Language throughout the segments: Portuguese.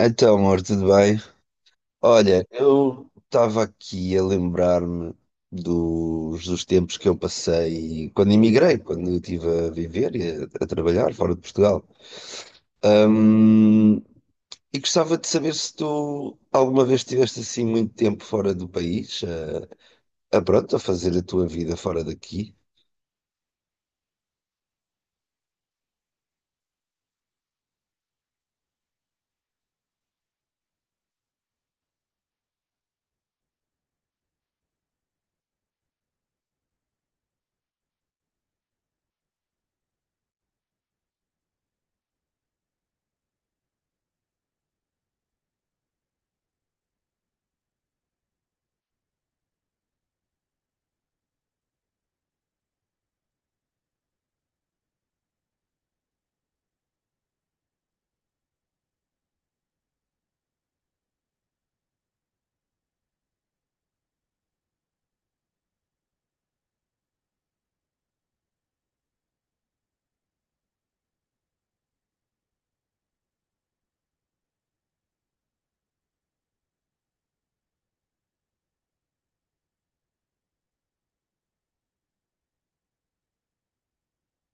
Então, amor, tudo bem? Olha, eu estava aqui a lembrar-me dos tempos que eu passei quando emigrei, quando eu estive a viver e a trabalhar fora de Portugal. Hum, e gostava de saber se tu alguma vez estiveste assim muito tempo fora do país, a pronto, a fazer a tua vida fora daqui.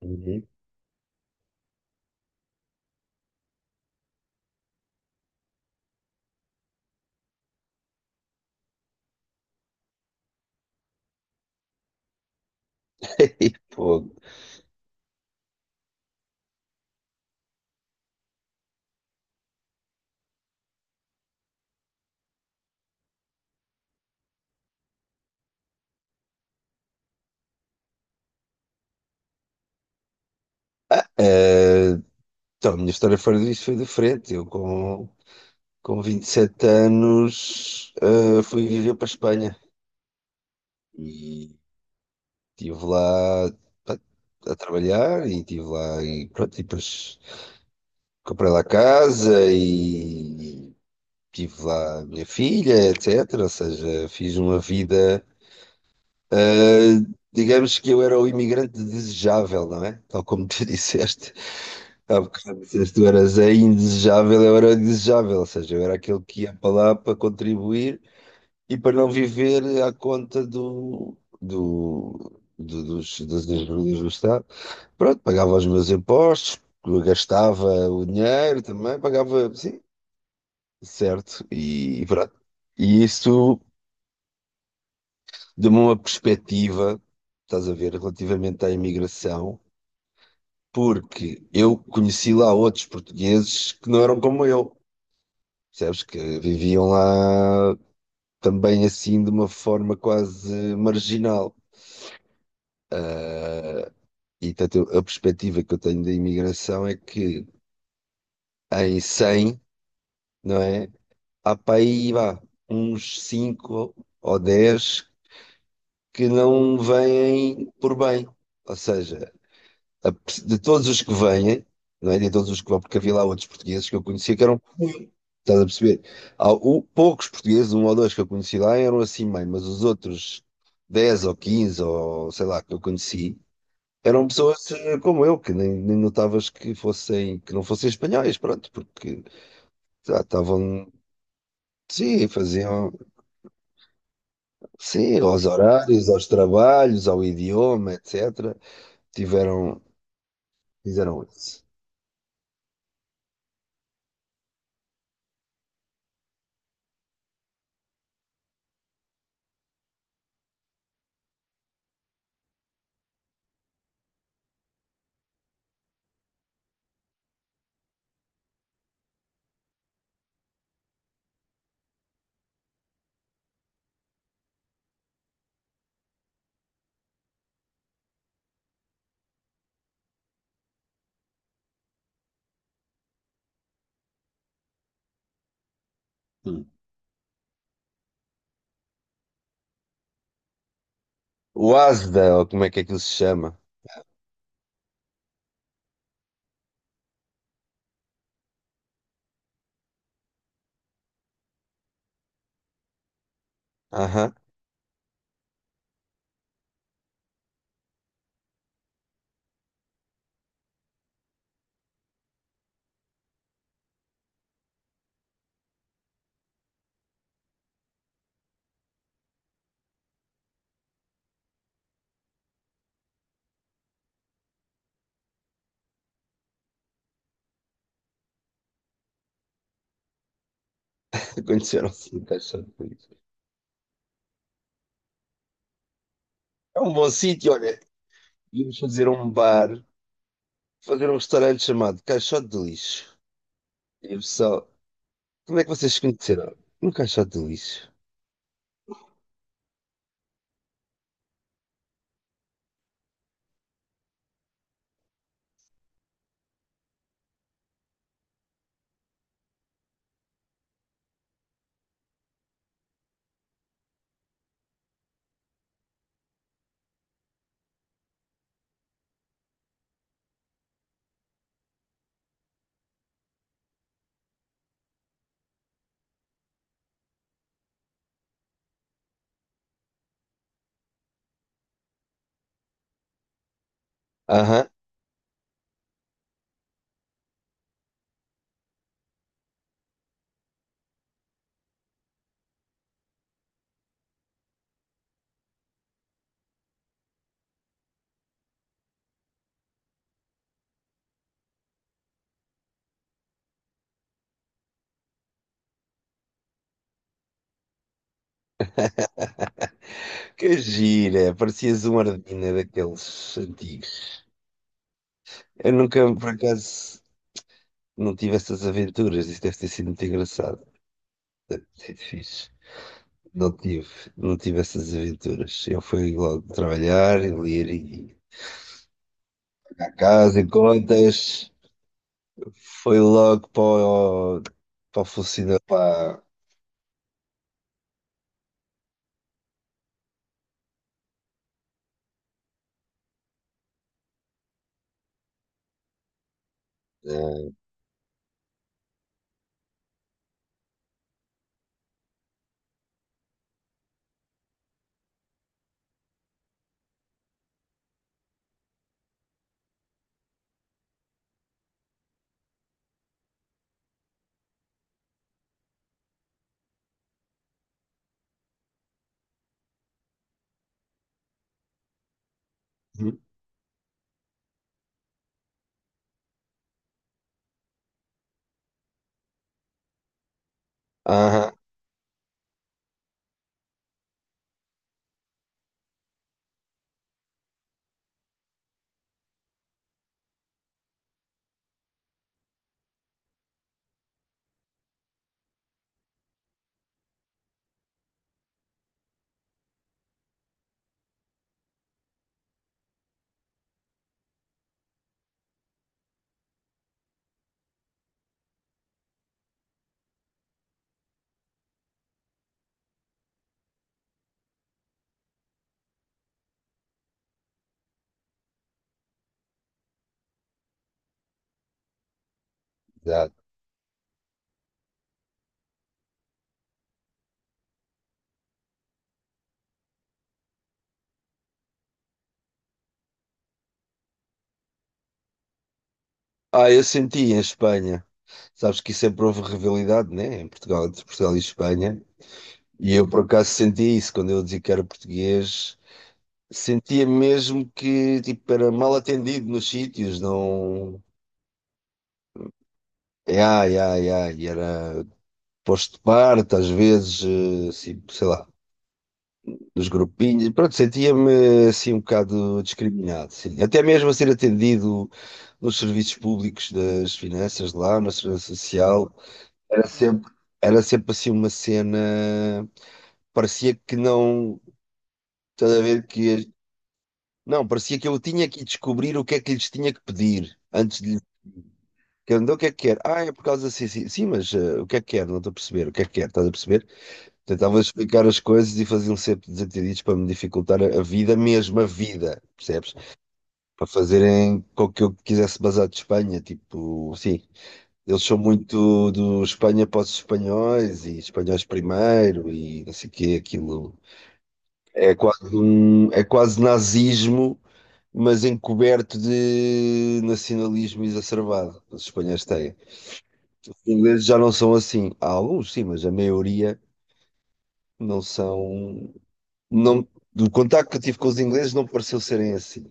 Uhum. Pô. Ah, então, a minha história fora disso foi diferente. Eu com 27 anos, fui viver para a Espanha e estive lá, pá, a trabalhar e estive lá e pronto, e depois comprei lá casa e tive lá a minha filha, etc. Ou seja, fiz uma vida, ah, digamos que eu era o imigrante desejável, não é? Tal como tu disseste. Há bocado disseste, tu eras a indesejável, eu era o desejável, ou seja, eu era aquele que ia para lá para contribuir e para não viver à conta das ajudas do Estado. Pronto, pagava os meus impostos, gastava o dinheiro também, pagava, sim, certo, e pronto. E isso deu-me uma perspectiva, estás a ver, relativamente à imigração, porque eu conheci lá outros portugueses que não eram como eu, percebes? Que viviam lá também assim de uma forma quase marginal. E portanto, a perspectiva que eu tenho da imigração é que em cem, não é? Há para aí, vá, uns 5 ou 10 que não vêm por bem. Ou seja, de todos os que vêm, não é? De todos os que vão, porque havia lá outros portugueses que eu conhecia que eram ruins. Estás a perceber? Há poucos portugueses, um ou dois que eu conheci lá, eram assim meio, mas os outros 10 ou 15 ou sei lá que eu conheci eram pessoas, como eu, que nem notavas que fossem, que não fossem espanhóis, pronto, porque já estavam, sim, faziam, sim, aos horários, aos trabalhos, ao idioma, etc. Tiveram, fizeram isso. Hum. O ASDA, ou como é que ele se chama? Aham. Conheceram-se no Caixote de Lixo. É um bom sítio, olha, íamos fazer um bar, fazer um restaurante chamado Caixote de Lixo. E o pessoal, como é que vocês se conheceram? No Caixote de Lixo. Aham. Que gira, parecias um Ardina daqueles antigos. Eu nunca, por acaso, não tive essas aventuras. Isso deve ter sido muito engraçado. Deve sido fixe. Não tive, não tive essas aventuras. Eu fui logo trabalhar, ler e à casa, em contas. Foi logo para o funcionário. Para... Uhum. Aham, exato. Ah, eu senti em Espanha. Sabes que sempre houve rivalidade, né? Em Portugal, entre Portugal e Espanha. E eu por acaso sentia isso quando eu dizia que era português, sentia mesmo que, tipo, era mal atendido nos sítios, não. É. Ai, ai, ai, e era posto de parte, às vezes, assim, sei lá, nos grupinhos, pronto, sentia-me assim um bocado discriminado, sim. Até mesmo a ser atendido nos serviços públicos, das finanças lá, na segurança social, era sempre, era sempre assim uma cena, parecia que não, estás a ver que não, parecia que eu tinha que descobrir o que é que lhes tinha que pedir antes de lhes perguntar: o que é que quer? Ah, é por causa assim, sim, sim, mas, o que é que quer? Não estou a perceber. O que é que quer? Estás a perceber? Tentava explicar as coisas e faziam sempre desentendidos para me dificultar a vida, mesmo a vida, percebes? Para fazerem com que eu quisesse basar de Espanha, tipo, sim. Eles são muito do Espanha para os espanhóis, e espanhóis primeiro e não sei o quê, aquilo. É quase nazismo, mas encoberto de nacionalismo exacerbado. Os espanhóis têm. Os ingleses já não são assim. Há alguns, sim, mas a maioria não são. Não, do contacto que eu tive com os ingleses, não pareceu serem assim.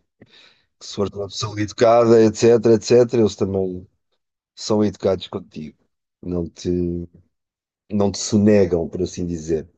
Que se for uma pessoa educada, etc, etc, eles também são educados contigo. Não te, não te sonegam, por assim dizer.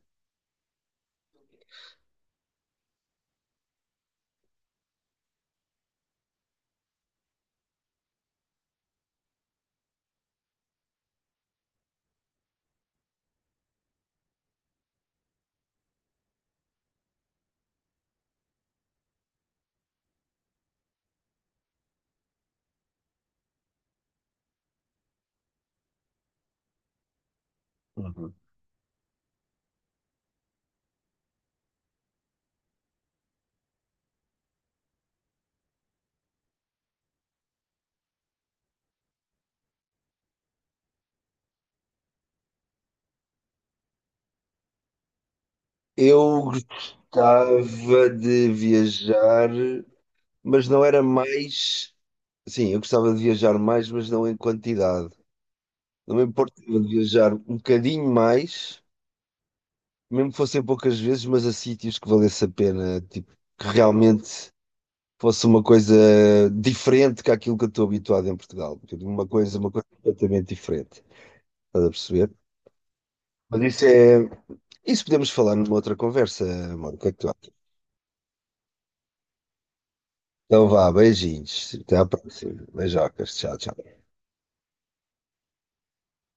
Uhum. Eu gostava de viajar, mas não era mais. Sim, eu gostava de viajar mais, mas não em quantidade. Não me importava de viajar um bocadinho mais, mesmo que fossem poucas vezes, mas a sítios que valesse a pena, tipo, que realmente fosse uma coisa diferente que aquilo que eu estou habituado em Portugal. Tipo, uma coisa completamente diferente. Estás a perceber? Mas isso é... Isso podemos falar numa outra conversa, amor. O que é que tu achas? Então vá, beijinhos. Até à próxima. Beijocas. Tchau, tchau.